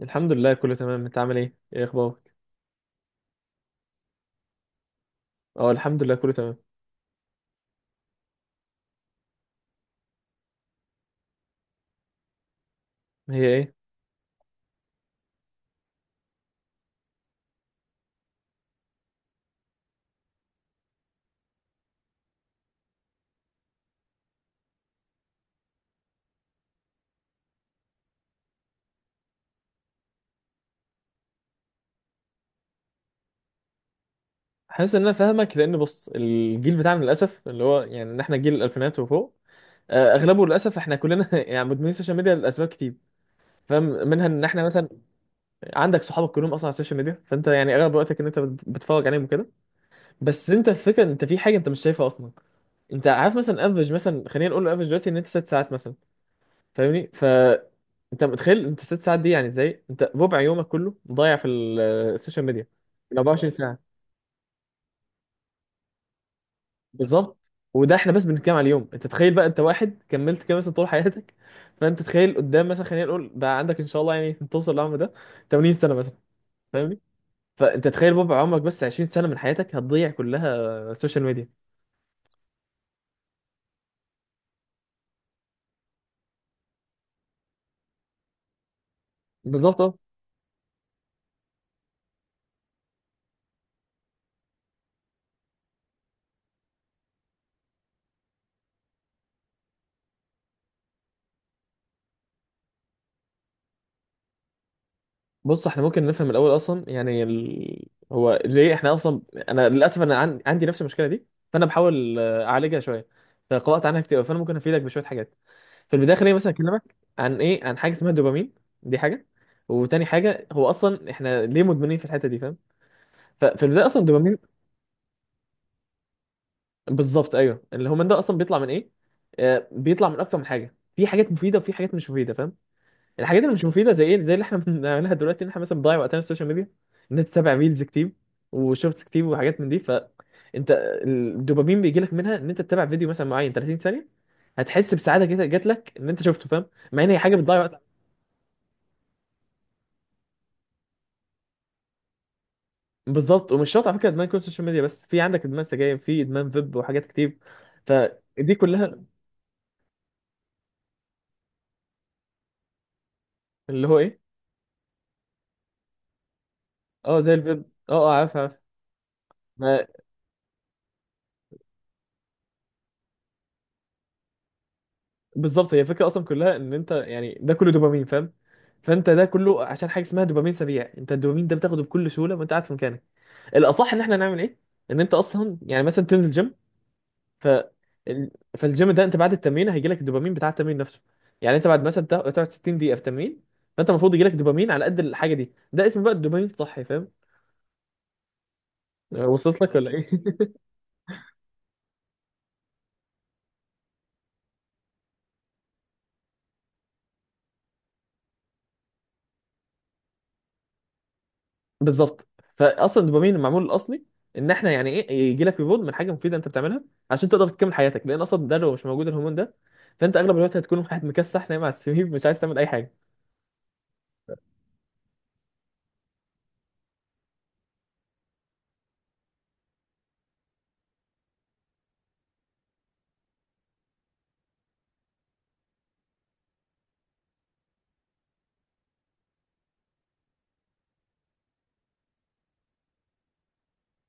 الحمد لله، كله تمام. انت عامل ايه؟ ايه اخبارك؟ اه، الحمد لله، كله تمام. هي ايه؟ حاسس ان انا فاهمك، لان بص الجيل بتاعنا للاسف اللي هو يعني ان احنا جيل الالفينات وفوق. اغلبه للاسف احنا كلنا يعني مدمنين السوشيال ميديا لاسباب كتير. فاهم منها ان احنا مثلا عندك صحابك كلهم اصلا على السوشيال ميديا، فانت يعني اغلب وقتك ان انت بتتفرج عليهم وكده. بس انت الفكره، انت في حاجه انت مش شايفها اصلا. انت عارف مثلا، افرج مثلا، خلينا نقول افرج دلوقتي ان انت 6 ساعات مثلا. فاهمني؟ ف انت متخيل انت 6 ساعات دي يعني ازاي؟ انت ربع يومك كله مضيع في السوشيال ميديا. ال 24 ساعه. بالظبط. وده احنا بس بنتكلم على اليوم، انت تخيل بقى، انت واحد كملت كده مثلا طول حياتك فانت تخيل قدام مثلا، خلينا نقول بقى، عندك ان شاء الله يعني توصل للعمر ده 80 سنه مثلا. فاهمني؟ فانت تخيل ربع عمرك، بس 20 سنه من حياتك هتضيع كلها السوشيال ميديا. بالظبط. بص، احنا ممكن نفهم الاول اصلا يعني هو ليه احنا اصلا. انا للاسف انا عندي نفس المشكله دي. فانا بحاول اعالجها شويه. فقرات عنها كتير أوي، فانا ممكن افيدك بشويه حاجات. في البدايه، خليني مثلا اكلمك عن ايه؟ عن حاجه اسمها الدوبامين. دي حاجه، وتاني حاجه هو اصلا احنا ليه مدمنين في الحته دي؟ فاهم؟ ففي البدايه اصلا الدوبامين. بالظبط، ايوه، الهرمون ده اصلا بيطلع من ايه؟ بيطلع من اكتر من حاجه، في حاجات مفيده وفي حاجات مش مفيده. فاهم؟ الحاجات اللي مش مفيده زي ايه؟ زي اللي احنا بنعملها دلوقتي ان احنا مثلا بنضيع وقتنا في السوشيال ميديا. ان انت تتابع ريلز كتير وشورتس كتير وحاجات من دي، فانت الدوبامين بيجي لك منها ان انت تتابع فيديو مثلا معين 30 ثانيه. هتحس بسعاده كده جات لك ان انت شفته. فاهم؟ مع ان هي حاجه بتضيع وقت. بالظبط، ومش شرط على فكره ادمان يكون سوشيال ميديا بس، في عندك ادمان سجاير، في ادمان فيب وحاجات كتير، فدي كلها. اللي هو ايه؟ اه، زي الفيب. اه، اه، عارف عارف. بالظبط، هي الفكره اصلا كلها ان انت يعني ده كله دوبامين. فاهم؟ فانت ده كله عشان حاجه اسمها دوبامين سريع. انت الدوبامين ده بتاخده بكل سهوله وانت قاعد في مكانك. الاصح ان احنا نعمل ايه؟ ان انت اصلا يعني مثلا تنزل جيم. ف ال- فالجيم ده انت بعد التمرين هيجي لك الدوبامين بتاع التمرين نفسه. يعني انت بعد مثلا تقعد 60 دقيقه في تمرين. فانت المفروض يجي لك دوبامين على قد الحاجه دي. ده اسمه بقى الدوبامين الصحي. فاهم؟ وصلت لك ولا ايه؟ بالظبط، فاصلا الدوبامين المعمول الاصلي ان احنا يعني ايه؟ يجي لك ريبورت من حاجه مفيده انت بتعملها عشان تقدر تكمل حياتك، لان اصلا ده لو مش موجود الهرمون ده، فانت اغلب الوقت هتكون واحد مكسح نايم على السرير مش عايز تعمل اي حاجه.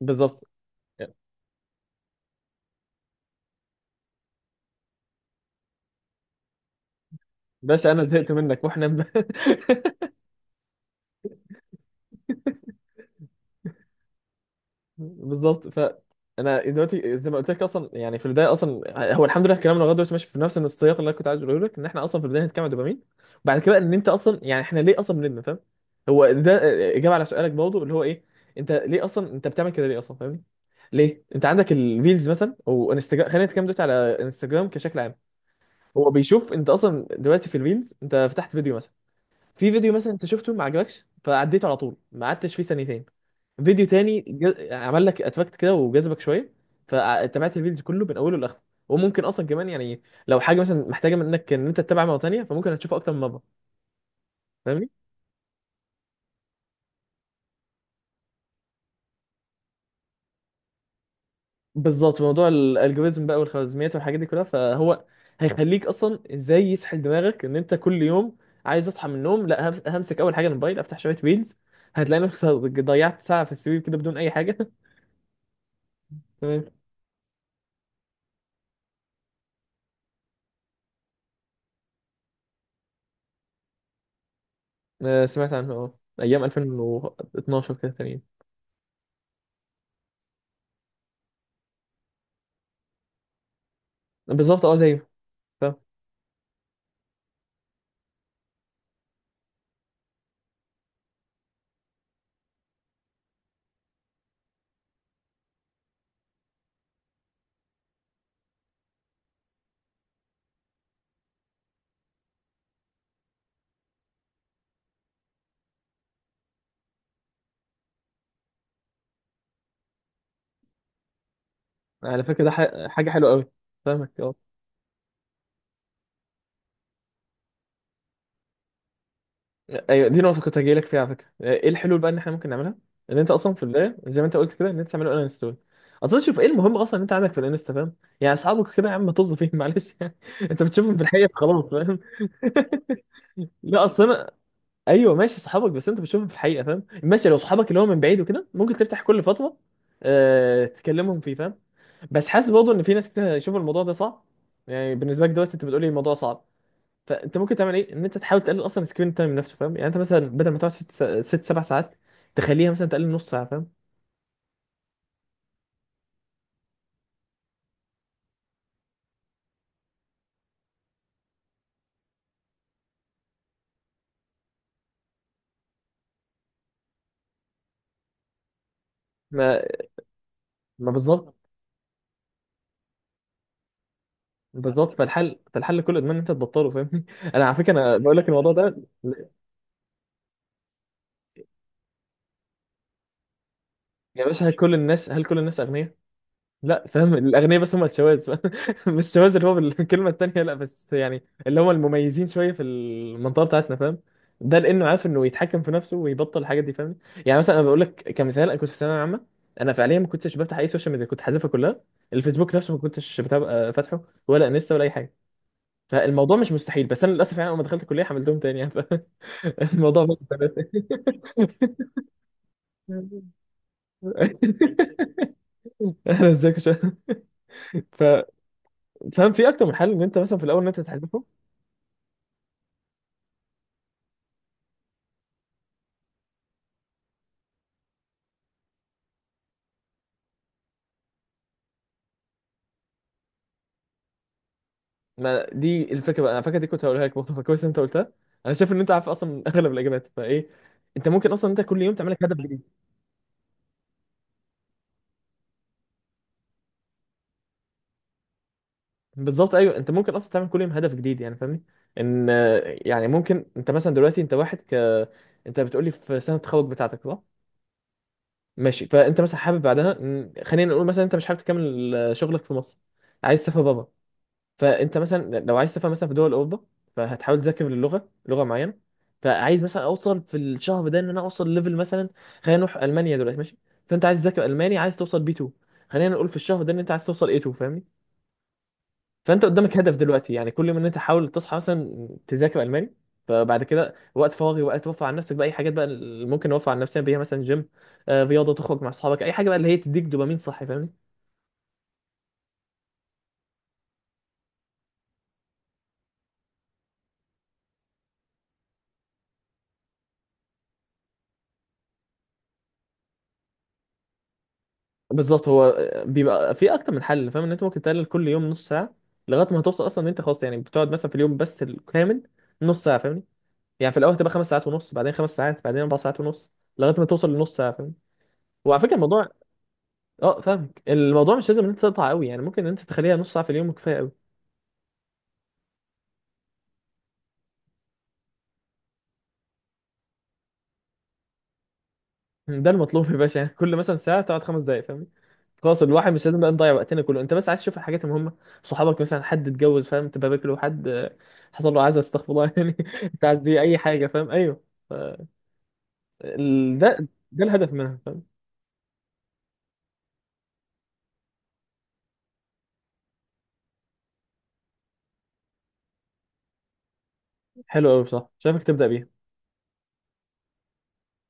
بالظبط. باشا، انا زهقت منك واحنا بالظبط. ف انا دلوقتي زي ما قلت لك اصلا، يعني في البدايه اصلا هو الحمد لله كلامنا لغايه دلوقتي ماشي في نفس السياق اللي انا كنت عايز اقوله لك، ان احنا اصلا في البدايه هنتكلم عن الدوبامين. بعد كده ان انت اصلا يعني احنا ليه اصلا بنبني. فاهم؟ هو ده اجابه على سؤالك برضه اللي هو ايه؟ انت ليه اصلا انت بتعمل كده ليه اصلا؟ فاهمني؟ ليه انت عندك الريلز مثلا او انستجرام؟ خلينا نتكلم دلوقتي على انستجرام كشكل عام. هو بيشوف انت اصلا دلوقتي في الريلز انت فتحت فيديو مثلا، في فيديو مثلا انت شفته ما عجبكش فعديته على طول، ما قعدتش فيه ثانيتين. فيديو تاني عمل لك اتفكت كده وجذبك شويه. فتابعت الفيديو كله من اوله لاخره. وممكن اصلا كمان يعني لو حاجه مثلا محتاجه منك ان انت تتابع مره تانيه فممكن هتشوفها اكتر من مره. فاهمني؟ بالظبط، موضوع الالجوريزم بقى والخوارزميات والحاجات دي كلها. فهو هيخليك اصلا ازاي يسحل دماغك، ان انت كل يوم عايز اصحى من النوم، لا همسك اول حاجه الموبايل افتح شويه ريلز. هتلاقي نفسك ضيعت ساعه في السرير كده بدون اي حاجه. تمام. سمعت عنه، اه، ايام 2012 كده تقريبا. بالظبط، اه، زيه. على فكرة ده حاجة حلوة قوي. فاهمك، اه. ايوه، دي نقطة كنت هجيلك فيها على فكرة. ايه الحلول بقى ان احنا ممكن نعملها؟ ان انت اصلا في البداية زي ما انت قلت كده ان انت تعمله ان انستول. اصلا شوف، ايه المهم اصلا ان انت عندك في الانستا؟ فاهم؟ يعني اصحابك كده يا عم طز فيهم، معلش يعني. انت بتشوفهم في الحقيقة خلاص. فاهم؟ لا، اصل انا. ايوه، ماشي صحابك بس انت بتشوفهم في الحقيقه، فاهم؟ ماشي، لو صحابك اللي هو من بعيد وكده ممكن تفتح كل فتره تكلمهم فيه. فاهم؟ بس حاسس برضه ان في ناس كتير هيشوفوا الموضوع ده صعب. يعني بالنسبه لك دلوقتي انت بتقولي الموضوع صعب. فانت ممكن تعمل ايه؟ ان انت تحاول تقلل اصلا سكرين تايم نفسه، فاهم؟ يعني انت مثلا بدل ما تقعد ست سبع ساعات، تخليها مثلا تقلل نص ساعه. فاهم؟ ما ما بالظبط، بالظبط. فالحل كله ادمان ان انت تبطله. فاهمني؟ انا على فكره انا بقول لك الموضوع ده. يا باشا، هل كل الناس اغنياء؟ لا، فاهم، الاغنياء بس هم الشواذ. مش الشواذ اللي هو بالكلمه التانيه، لا، بس يعني اللي هم المميزين شويه في المنطقه بتاعتنا. فاهم؟ ده لانه عارف انه يتحكم في نفسه ويبطل الحاجات دي. فاهم؟ يعني مثلا انا بقول لك كمثال، انا كنت في ثانويه عامه. انا فعليا ما كنتش بفتح اي سوشيال ميديا، كنت حذفها كلها. الفيسبوك نفسه ما كنتش بتابع، فاتحه، ولا انستا ولا اي حاجه. فالموضوع مش مستحيل. بس انا للاسف يعني اول ما دخلت الكليه حملتهم تاني يعني. فالموضوع بس تلاتة. انا ازيك شويه. ف- فاهم، في اكتر من حل ان انت مثلا في الاول ان انت تحذفه. ما دي الفكره بقى، انا فاكر دي كنت هقولها لك برضه، فكويس ان انت قلتها. انا شايف ان انت عارف اصلا اغلب الاجابات، فايه؟ انت ممكن اصلا انت كل يوم تعمل لك هدف جديد. بالظبط، ايوه، انت ممكن اصلا تعمل كل يوم هدف جديد يعني. فاهمني؟ ان يعني ممكن انت مثلا دلوقتي انت واحد انت بتقولي في سنه التخرج بتاعتك، صح؟ ماشي، فانت مثلا حابب بعدها خلينا نقول مثلا انت مش حابب تكمل شغلك في مصر. عايز تسافر بابا. فانت مثلا لو عايز تفهم مثلا في دول اوروبا، فهتحاول تذاكر اللغه، لغه معينه. فعايز مثلا اوصل في الشهر ده ان انا اوصل ليفل مثلا، خلينا نروح المانيا دلوقتي ماشي. فانت عايز تذاكر الماني، عايز توصل B2. خلينا نقول في الشهر ده ان انت عايز توصل A2. فاهمني؟ فانت قدامك هدف دلوقتي يعني، كل ما ان انت حاول تصحى مثلا تذاكر الماني. فبعد كده وقت فراغي، وقت توفر على نفسك بقى اي حاجات بقى اللي ممكن اوفر على نفسي بيها، مثلا جيم، رياضه، تخرج مع اصحابك، اي حاجه بقى اللي هي تديك دوبامين صحي. فاهمني؟ بالظبط، هو بيبقى في اكتر من حل. فاهم؟ ان انت ممكن تقلل كل يوم نص ساعه لغايه ما هتوصل اصلا ان انت خلاص يعني بتقعد مثلا في اليوم بس الكامل نص ساعه. فاهمني؟ يعني في الاول هتبقى 5 ساعات ونص، بعدين 5 ساعات، بعدين 4 ساعات ونص، لغايه ما توصل لنص ساعه. فاهمني؟ وعلى فكره الموضوع، اه، فاهمك. الموضوع مش لازم ان انت تقطع قوي، يعني ممكن ان انت تخليها نص ساعه في اليوم كفايه قوي. ده المطلوب يا باشا. يعني كل مثلا ساعه تقعد 5 دقائق. فاهمني؟ خلاص الواحد مش لازم بقى نضيع وقتنا كله، انت بس عايز تشوف الحاجات المهمه. صحابك مثلا حد اتجوز، فاهم؟ تبقى باكله. حد حصل له عزا، استغفر الله يعني. انت عايز دي اي حاجه، فاهم؟ ايوه. ف- ده الهدف منها. فاهم؟ حلو قوي، بصح شايفك تبدا بيها.